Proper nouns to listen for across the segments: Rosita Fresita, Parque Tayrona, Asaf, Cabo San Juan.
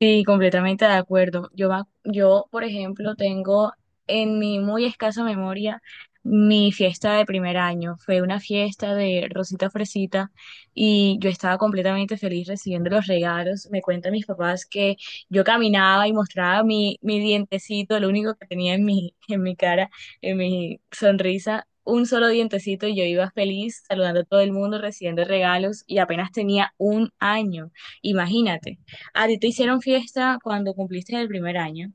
Sí, completamente de acuerdo. Yo, por ejemplo, tengo en mi muy escasa memoria mi fiesta de primer año. Fue una fiesta de Rosita Fresita y yo estaba completamente feliz recibiendo los regalos. Me cuentan mis papás que yo caminaba y mostraba mi dientecito, lo único que tenía en mi cara, en mi sonrisa. Un solo dientecito y yo iba feliz saludando a todo el mundo, recibiendo regalos y apenas tenía un año. Imagínate. ¿A ti te hicieron fiesta cuando cumpliste el primer año?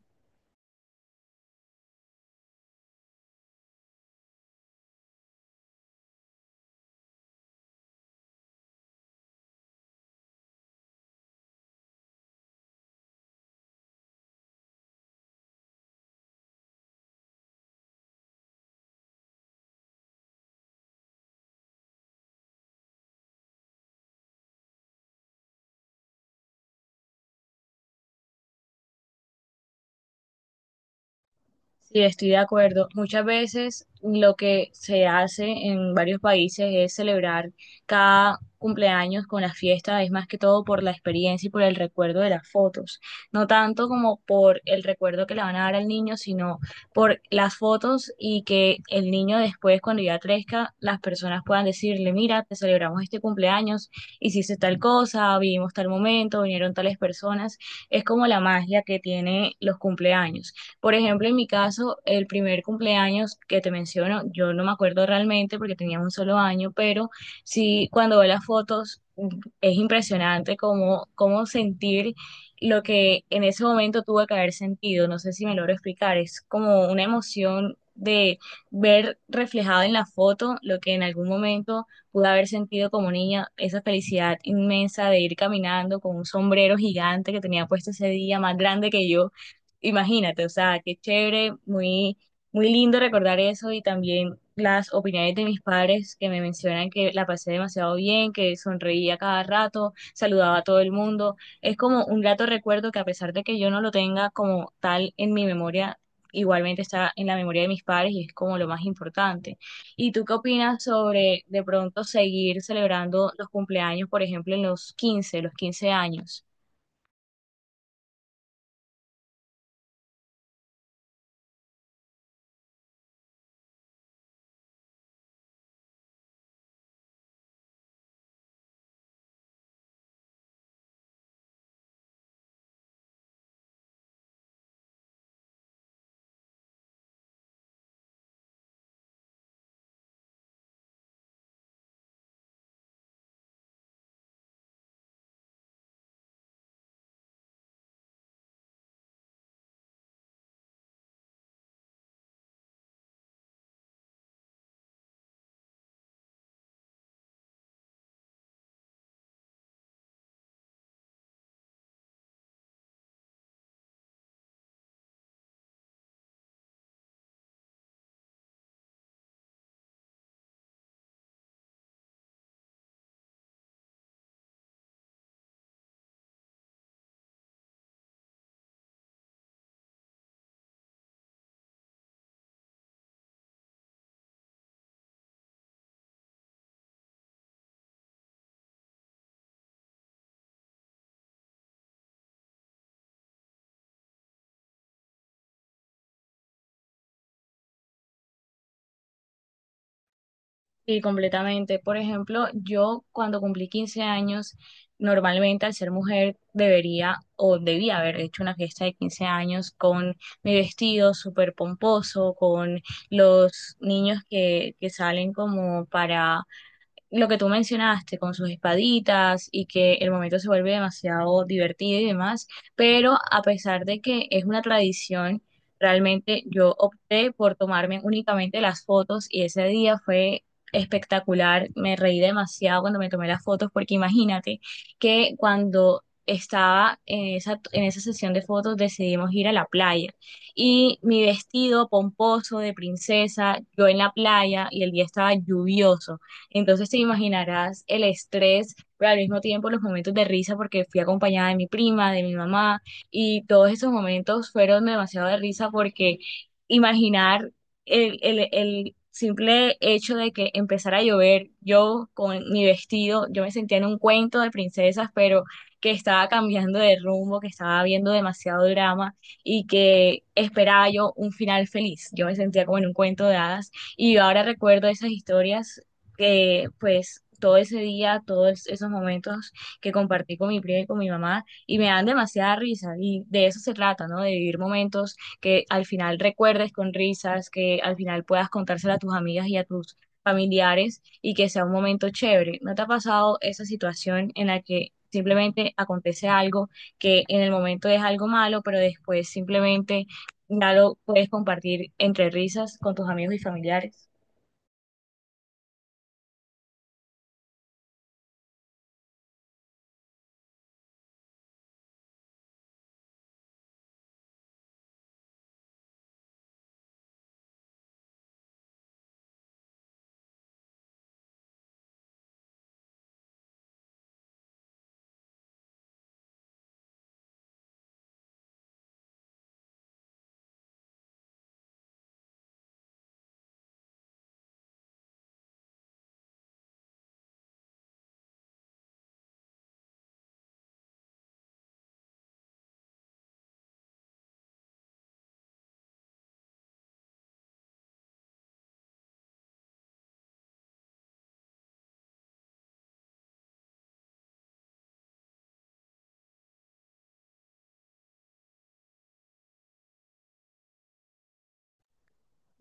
Sí, estoy de acuerdo. Muchas veces lo que se hace en varios países es celebrar cada cumpleaños con la fiesta, es más que todo por la experiencia y por el recuerdo de las fotos, no tanto como por el recuerdo que le van a dar al niño, sino por las fotos y que el niño después, cuando ya crezca, las personas puedan decirle, mira, te celebramos este cumpleaños, hiciste tal cosa, vivimos tal momento, vinieron tales personas. Es como la magia que tiene los cumpleaños. Por ejemplo, en mi caso, el primer cumpleaños que te menciono, yo no me acuerdo realmente porque tenía un solo año, pero sí, cuando veo las fotos, es impresionante cómo sentir lo que en ese momento tuve que haber sentido. No sé si me logro explicar, es como una emoción de ver reflejado en la foto lo que en algún momento pude haber sentido como niña, esa felicidad inmensa de ir caminando con un sombrero gigante que tenía puesto ese día, más grande que yo. Imagínate, o sea, qué chévere, muy, muy lindo recordar eso y también las opiniones de mis padres que me mencionan que la pasé demasiado bien, que sonreía cada rato, saludaba a todo el mundo. Es como un grato recuerdo que a pesar de que yo no lo tenga como tal en mi memoria, igualmente está en la memoria de mis padres y es como lo más importante. ¿Y tú qué opinas sobre de pronto seguir celebrando los cumpleaños, por ejemplo, en los quince años? Sí, completamente. Por ejemplo, yo cuando cumplí 15 años, normalmente al ser mujer debería o debía haber hecho una fiesta de 15 años con mi vestido súper pomposo, con los niños que salen como para lo que tú mencionaste con sus espaditas y que el momento se vuelve demasiado divertido y demás, pero a pesar de que es una tradición, realmente yo opté por tomarme únicamente las fotos y ese día fue espectacular, me reí demasiado cuando me tomé las fotos porque imagínate que cuando estaba en esa sesión de fotos decidimos ir a la playa y mi vestido pomposo de princesa, yo en la playa y el día estaba lluvioso. Entonces te imaginarás el estrés, pero al mismo tiempo los momentos de risa porque fui acompañada de mi prima, de mi mamá, y todos esos momentos fueron demasiado de risa porque imaginar el simple hecho de que empezara a llover, yo con mi vestido, yo me sentía en un cuento de princesas, pero que estaba cambiando de rumbo, que estaba viendo demasiado drama y que esperaba yo un final feliz. Yo me sentía como en un cuento de hadas y ahora recuerdo esas historias que pues todo ese día, todos esos momentos que compartí con mi prima y con mi mamá, y me dan demasiada risa, y de eso se trata, ¿no? De vivir momentos que al final recuerdes con risas, que al final puedas contárselo a tus amigas y a tus familiares, y que sea un momento chévere. ¿No te ha pasado esa situación en la que simplemente acontece algo que en el momento es algo malo, pero después simplemente ya lo puedes compartir entre risas con tus amigos y familiares?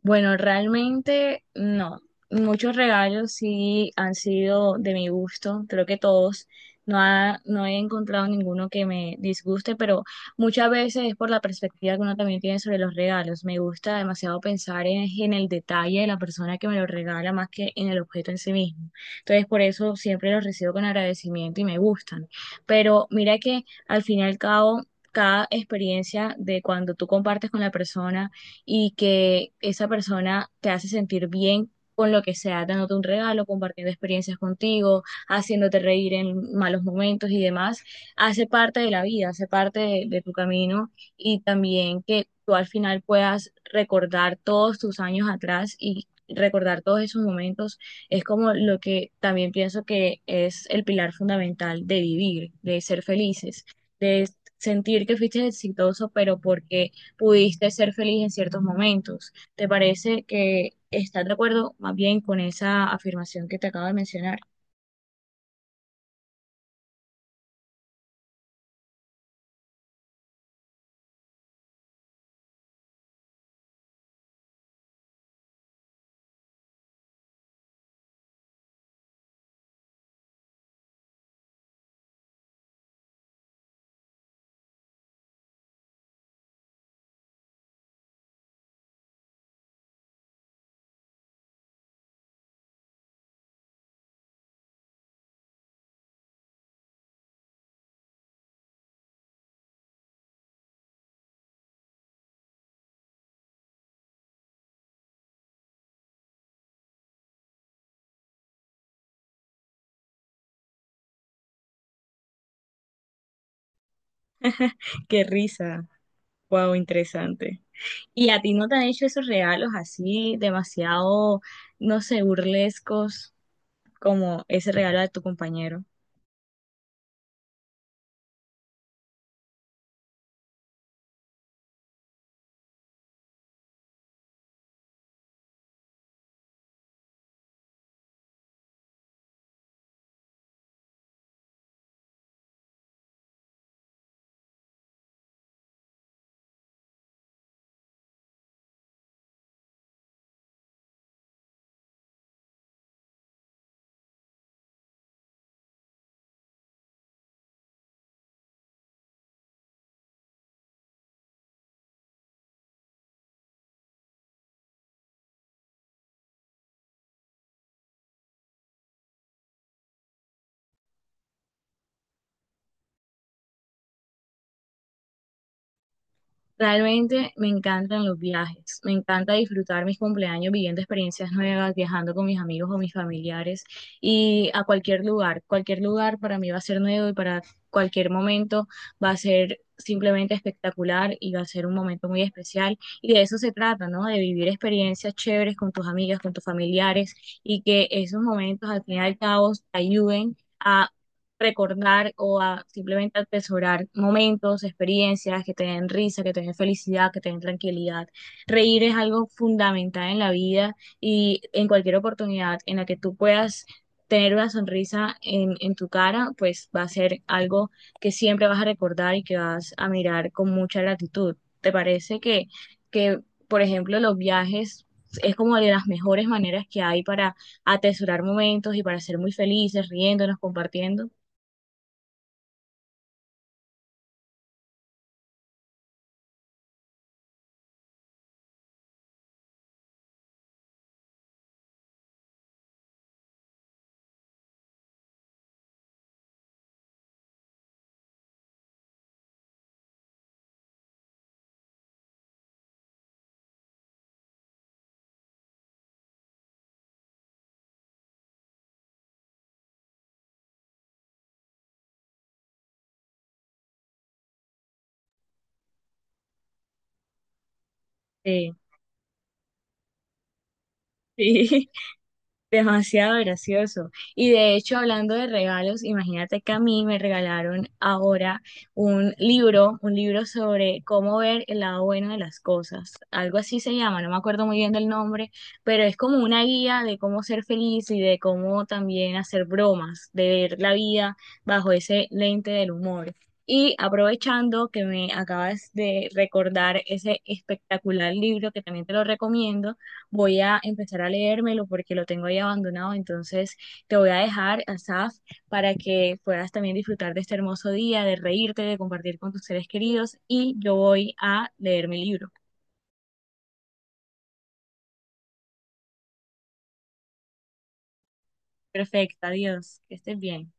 Bueno, realmente no. Muchos regalos sí han sido de mi gusto, creo que todos. No, no he encontrado ninguno que me disguste, pero muchas veces es por la perspectiva que uno también tiene sobre los regalos. Me gusta demasiado pensar en el detalle de la persona que me lo regala más que en el objeto en sí mismo. Entonces, por eso siempre los recibo con agradecimiento y me gustan. Pero mira que al fin y al cabo, cada experiencia de cuando tú compartes con la persona, y que esa persona te hace sentir bien con lo que sea, dándote un regalo, compartiendo experiencias contigo, haciéndote reír en malos momentos y demás, hace parte de la vida, hace parte de tu camino y también que tú al final puedas recordar todos tus años atrás y recordar todos esos momentos es como lo que también pienso que es el pilar fundamental de vivir, de ser felices, de sentir que fuiste exitoso, pero porque pudiste ser feliz en ciertos momentos. ¿Te parece que estás de acuerdo más bien con esa afirmación que te acabo de mencionar? Qué risa. Wow, interesante. ¿Y a ti no te han hecho esos regalos así demasiado, no sé, burlescos como ese regalo de tu compañero? Realmente me encantan los viajes, me encanta disfrutar mis cumpleaños viviendo experiencias nuevas, viajando con mis amigos o mis familiares y a cualquier lugar. Cualquier lugar para mí va a ser nuevo y para cualquier momento va a ser simplemente espectacular y va a ser un momento muy especial. Y de eso se trata, ¿no? De vivir experiencias chéveres con tus amigas, con tus familiares y que esos momentos al fin y al cabo te ayuden a recordar o a simplemente atesorar momentos, experiencias que te den risa, que te den felicidad, que te den tranquilidad. Reír es algo fundamental en la vida y en cualquier oportunidad en la que tú puedas tener una sonrisa en tu cara, pues va a ser algo que siempre vas a recordar y que vas a mirar con mucha gratitud. ¿Te parece que, por ejemplo, los viajes es como de las mejores maneras que hay para atesorar momentos y para ser muy felices, riéndonos, compartiendo? Sí, sí, demasiado gracioso. Y de hecho, hablando de regalos, imagínate que a mí me regalaron ahora un libro sobre cómo ver el lado bueno de las cosas. Algo así se llama, no me acuerdo muy bien del nombre, pero es como una guía de cómo ser feliz y de cómo también hacer bromas, de ver la vida bajo ese lente del humor. Y aprovechando que me acabas de recordar ese espectacular libro que también te lo recomiendo, voy a empezar a leérmelo porque lo tengo ahí abandonado. Entonces te voy a dejar, Asaf, para que puedas también disfrutar de este hermoso día, de reírte, de compartir con tus seres queridos y yo voy a leer mi libro. Perfecto, adiós, que estés bien.